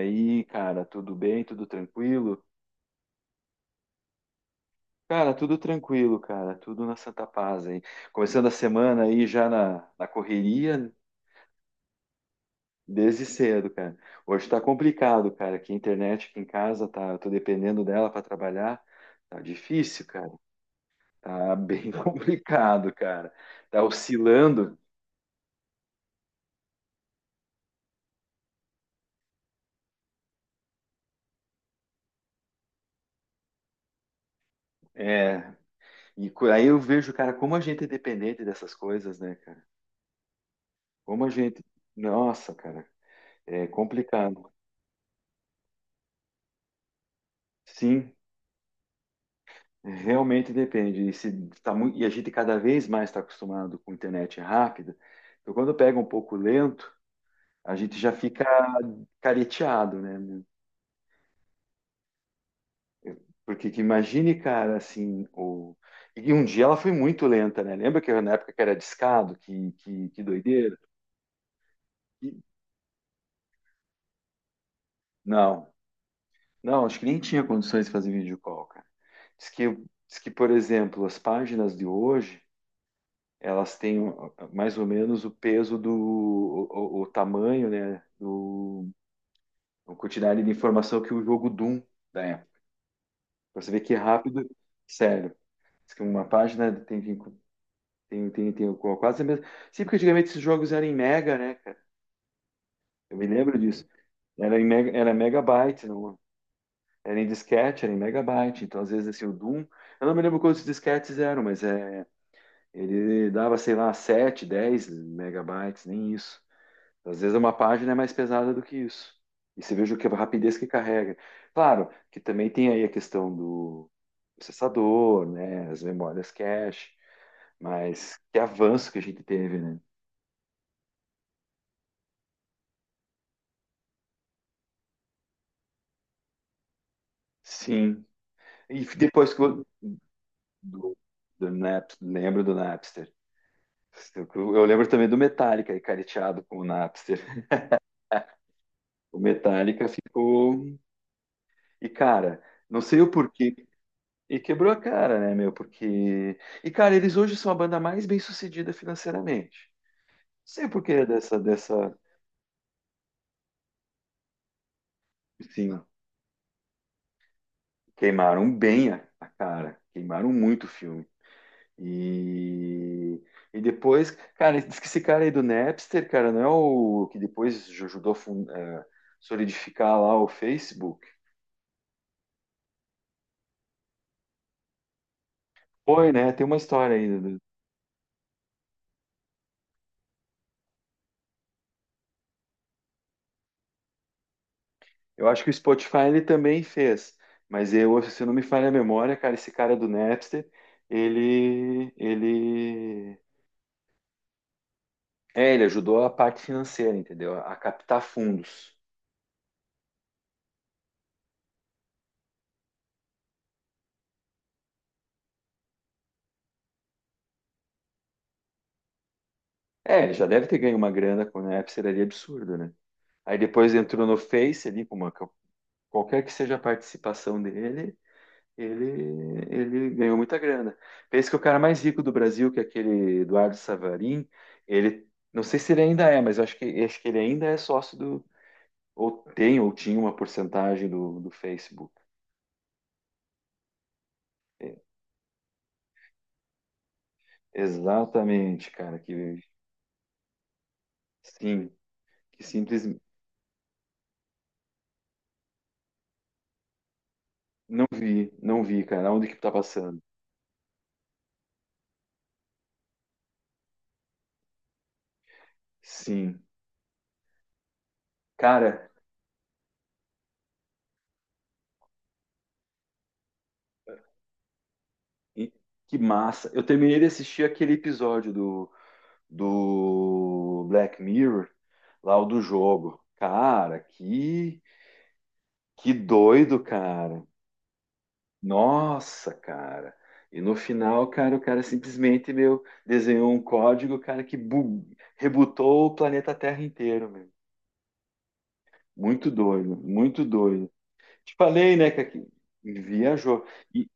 E aí, cara, tudo bem? Tudo tranquilo? Cara, tudo tranquilo, cara, tudo na santa paz aí. Começando a semana aí já na correria desde cedo, cara. Hoje tá complicado, cara, que a internet aqui em casa tá, eu tô dependendo dela para trabalhar. Tá difícil, cara. Tá bem complicado, cara. Tá oscilando. É, Aí eu vejo, cara, como a gente é dependente dessas coisas, né, cara? Como a gente. Nossa, cara, é complicado. Sim, realmente depende. E, se tá muito, e a gente cada vez mais está acostumado com internet rápida. Então, quando pega um pouco lento, a gente já fica careteado, né? Porque que imagine, cara, assim, e um dia ela foi muito lenta, né? Lembra que na época que era discado, que doideira? E- Não, não, acho que nem tinha condições de fazer vídeo call, cara. Diz que, diz que, por exemplo, as páginas de hoje, elas têm mais ou menos o peso do, o tamanho, né? Uma quantidade de informação que o jogo Doom da época. Pra você ver que é rápido, sério. Diz que uma página tem, tem quase a mesma. Sim, porque antigamente esses jogos eram em mega, né, cara? Eu me lembro disso. Era em mega, era megabyte, não. Era em disquete, era em megabyte. Então, às vezes, assim, o Doom. Eu não me lembro quantos disquetes eram, mas é, ele dava, sei lá, 7, 10 megabytes, nem isso. Às vezes uma página é mais pesada do que isso. E você veja o que a rapidez que carrega. Claro que também tem aí a questão do processador, né? As memórias cache, mas que avanço que a gente teve, né? Sim. E depois que eu, do, lembro do Napster. Eu, eu lembro também do Metallica, careteado com o Napster. O Metallica ficou. E, cara, não sei o porquê. E quebrou a cara, né, meu? Porque. E, cara, eles hoje são a banda mais bem-sucedida financeiramente. Não sei por que dessa. Sim, queimaram bem a cara. Queimaram muito o filme. E. E depois, cara, diz que esse cara aí do Napster, cara, não é o que depois ajudou a solidificar lá o Facebook? Foi, né? Tem uma história aí. Eu acho que o Spotify ele também fez, mas eu, se não me falha a memória, cara, esse cara do Napster, ele, ele, é, ele ajudou a parte financeira, entendeu? A captar fundos. É, ele já deve ter ganho uma grana com o Napster ali absurda, né? Aí depois entrou no Face ali, com uma, qualquer que seja a participação dele, ele ganhou muita grana. Pensa que o cara mais rico do Brasil, que é aquele Eduardo Savarin, ele, não sei se ele ainda é, mas eu acho que ele ainda é sócio. Ou tem, ou tinha uma porcentagem do, do Facebook. É, exatamente, cara, que sim, que simplesmente não vi, não vi, cara, onde que tá passando? Sim. Cara, e- que massa. Eu terminei de assistir aquele episódio do, do Black Mirror, lá o do jogo. Cara, que doido, cara. Nossa, cara. E no final, cara, o cara simplesmente, meu, desenhou um código, cara, que rebutou o planeta Terra inteiro, meu. Muito doido, muito doido. Te falei, né, que viajou. E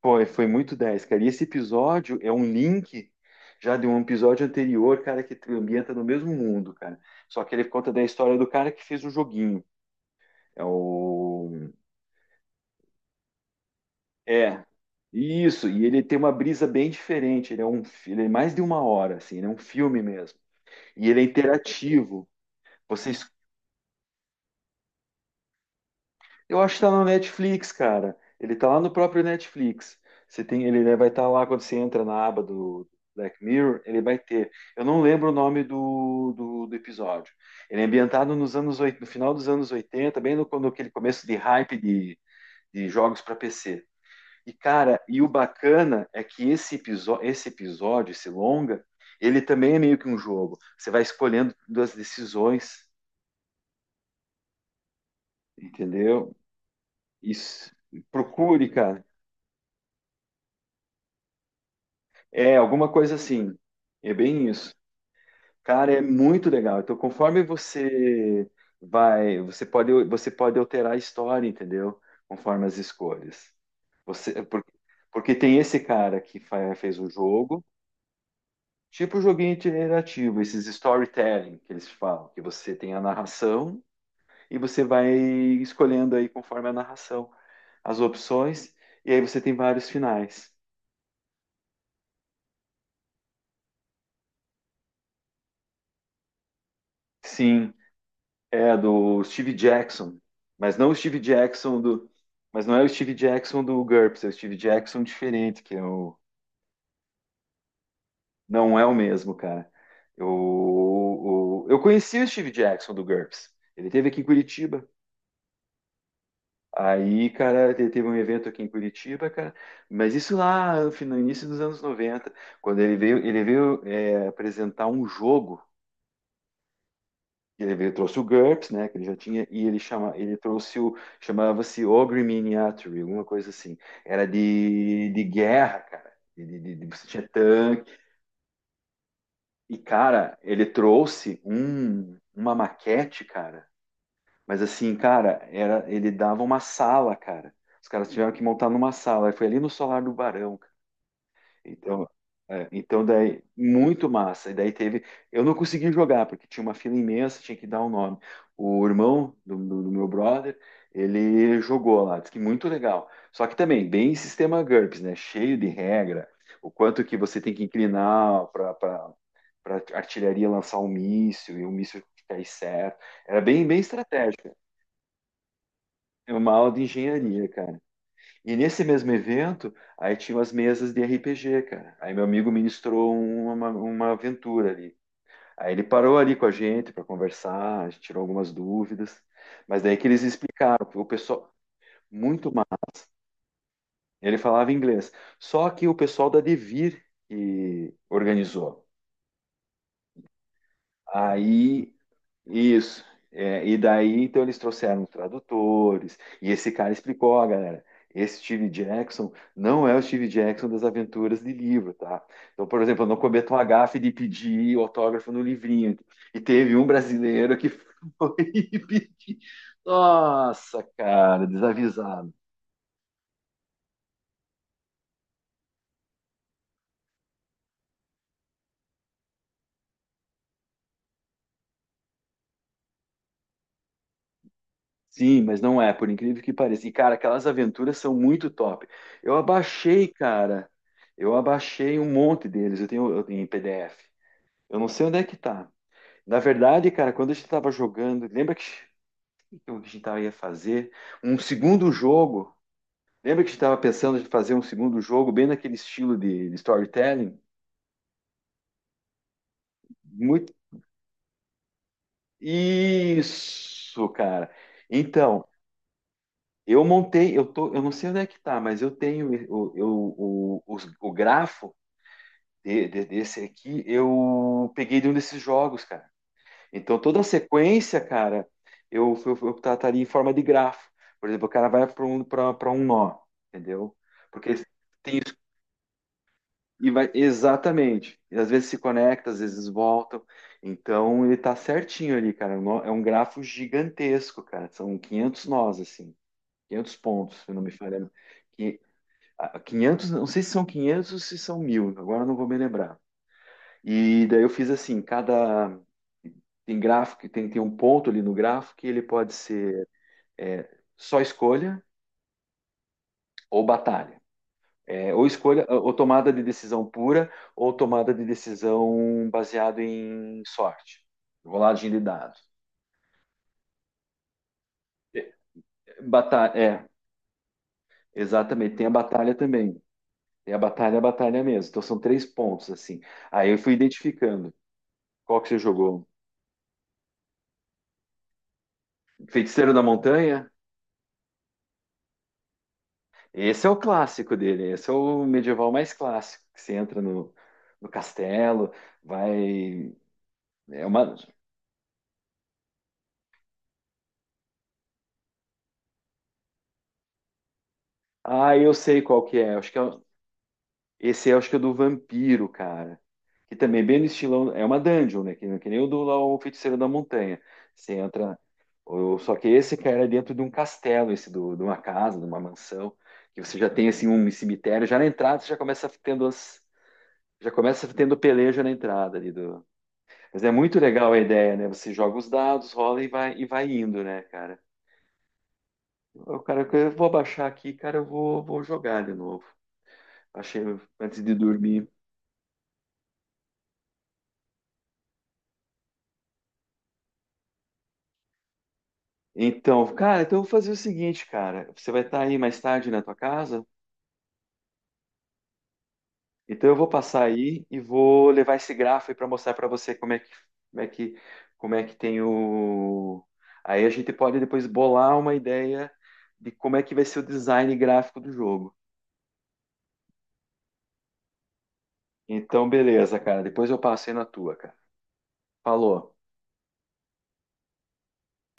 foi muito 10 cara. E esse episódio é um link já de um episódio anterior, cara, que te ambienta no mesmo mundo, cara. Só que ele conta da história do cara que fez o joguinho. É o É, isso, e ele tem uma brisa bem diferente, ele é um, ele é mais de uma hora, assim, ele é um filme mesmo, e ele é interativo, vocês, eu acho que tá no Netflix, cara, ele tá lá no próprio Netflix, você tem, ele vai estar lá quando você entra na aba do Black Mirror, ele vai ter, eu não lembro o nome do, do episódio, ele é ambientado nos anos, no final dos anos 80, bem no, aquele começo de hype de jogos para PC. E, cara, e o bacana é que esse, esse episódio, esse longa, ele também é meio que um jogo. Você vai escolhendo duas decisões, entendeu? Isso. Procure, cara. É, alguma coisa assim. É bem isso. Cara, é muito legal. Então, conforme você vai, você pode alterar a história, entendeu? Conforme as escolhas. Você, porque, porque tem esse cara que fez o jogo. Tipo joguinho iterativo, esses storytelling que eles falam, que você tem a narração e você vai escolhendo aí conforme a narração as opções e aí você tem vários finais. Sim, é do Steve Jackson, mas não o Steve Jackson do, mas não é o Steve Jackson do GURPS, é o Steve Jackson diferente, que é o, não é o mesmo, cara. Eu conheci o Steve Jackson do GURPS. Ele esteve aqui em Curitiba. Aí, cara, teve um evento aqui em Curitiba, cara, mas isso lá no no início dos anos 90, quando ele veio é, apresentar um jogo, ele veio, trouxe o GURPS, né, que ele já tinha, e ele chama, ele trouxe o, chamava-se Ogre Miniature, alguma coisa assim, era de guerra, cara, de, você tinha tanque, e, cara, ele trouxe um, uma maquete, cara. Mas assim, cara, era, ele dava uma sala, cara. Os caras tiveram que montar numa sala. Aí foi ali no solar do Barão, cara. Então, é, então daí, muito massa. E daí teve. Eu não consegui jogar, porque tinha uma fila imensa, tinha que dar o nome. O irmão do, do meu brother, ele jogou lá, disse que muito legal. Só que também, bem sistema GURPS, né? Cheio de regra. O quanto que você tem que inclinar para artilharia lançar um míssil e o míssil cair certo. Era bem, bem estratégico. É uma aula de engenharia, cara. E nesse mesmo evento, aí tinham as mesas de RPG, cara. Aí meu amigo ministrou uma aventura ali. Aí ele parou ali com a gente para conversar, a gente tirou algumas dúvidas. Mas daí que eles explicaram, o pessoal muito, ele falava inglês. Só que o pessoal da Devir que organizou. Aí, isso. É, e daí, então, eles trouxeram tradutores, e esse cara explicou, ó, galera, esse Steve Jackson não é o Steve Jackson das aventuras de livro, tá? Então, por exemplo, eu não cometo uma gafe de pedir autógrafo no livrinho. E teve um brasileiro que foi e nossa, cara, desavisado. Sim, mas não é, por incrível que pareça. E, cara, aquelas aventuras são muito top. Eu abaixei, cara. Eu abaixei um monte deles. Eu tenho em PDF. Eu não sei onde é que tá. Na verdade, cara, quando a gente tava jogando, lembra que o que a gente tava, ia fazer? Um segundo jogo. Lembra que a gente tava pensando em fazer um segundo jogo, bem naquele estilo de storytelling? Muito. Isso, cara. Então. Eu montei, eu tô, eu não sei onde é que tá, mas eu tenho o, o, o grafo desse aqui, eu peguei de um desses jogos, cara. Então toda a sequência, cara, eu trataria em forma de grafo. Por exemplo, o cara vai para um, pra um nó, entendeu? Porque tem isso e vai exatamente. E às vezes se conecta, às vezes voltam. Então ele tá certinho ali, cara. É um grafo gigantesco, cara. São 500 nós, assim, 500 pontos, se não me falha. 500, não sei se são 500 ou se são 1000 agora não vou me lembrar. E daí eu fiz assim, cada tem gráfico, tem um ponto ali no gráfico que ele pode ser é, só escolha ou batalha. É, ou escolha, ou tomada de decisão pura, ou tomada de decisão baseado em sorte, rolagem de dados. É, batalha, é, exatamente. Tem a batalha também. Tem a batalha mesmo. Então são três pontos, assim. Aí eu fui identificando qual que você jogou. Feiticeiro da Montanha? Esse é o clássico dele, esse é o medieval mais clássico, que você entra no, no castelo, vai. É uma. Ah, eu sei qual que é. Acho que é... Esse é, acho que é o do vampiro, cara. Que também é bem no estilão. É uma dungeon, né? Que nem o do lá, o Feiticeiro da Montanha. Você entra. Só que esse, cara, é dentro de um castelo, esse do, de uma casa, de uma mansão, que você já tem assim um cemitério, já na entrada você já começa tendo as. Já começa tendo peleja na entrada ali do. Mas é muito legal a ideia, né? Você joga os dados, rola e vai indo, né, cara? O cara, eu vou baixar aqui, cara, eu vou, vou jogar de novo. Achei antes de dormir. Então, cara, então eu vou fazer o seguinte, cara. Você vai estar aí mais tarde na tua casa? Então eu vou passar aí e vou levar esse gráfico aí para mostrar para você como é que, como é que, como é que tem o. Aí a gente pode depois bolar uma ideia de como é que vai ser o design gráfico do jogo. Então, beleza, cara. Depois eu passo aí na tua, cara. Falou.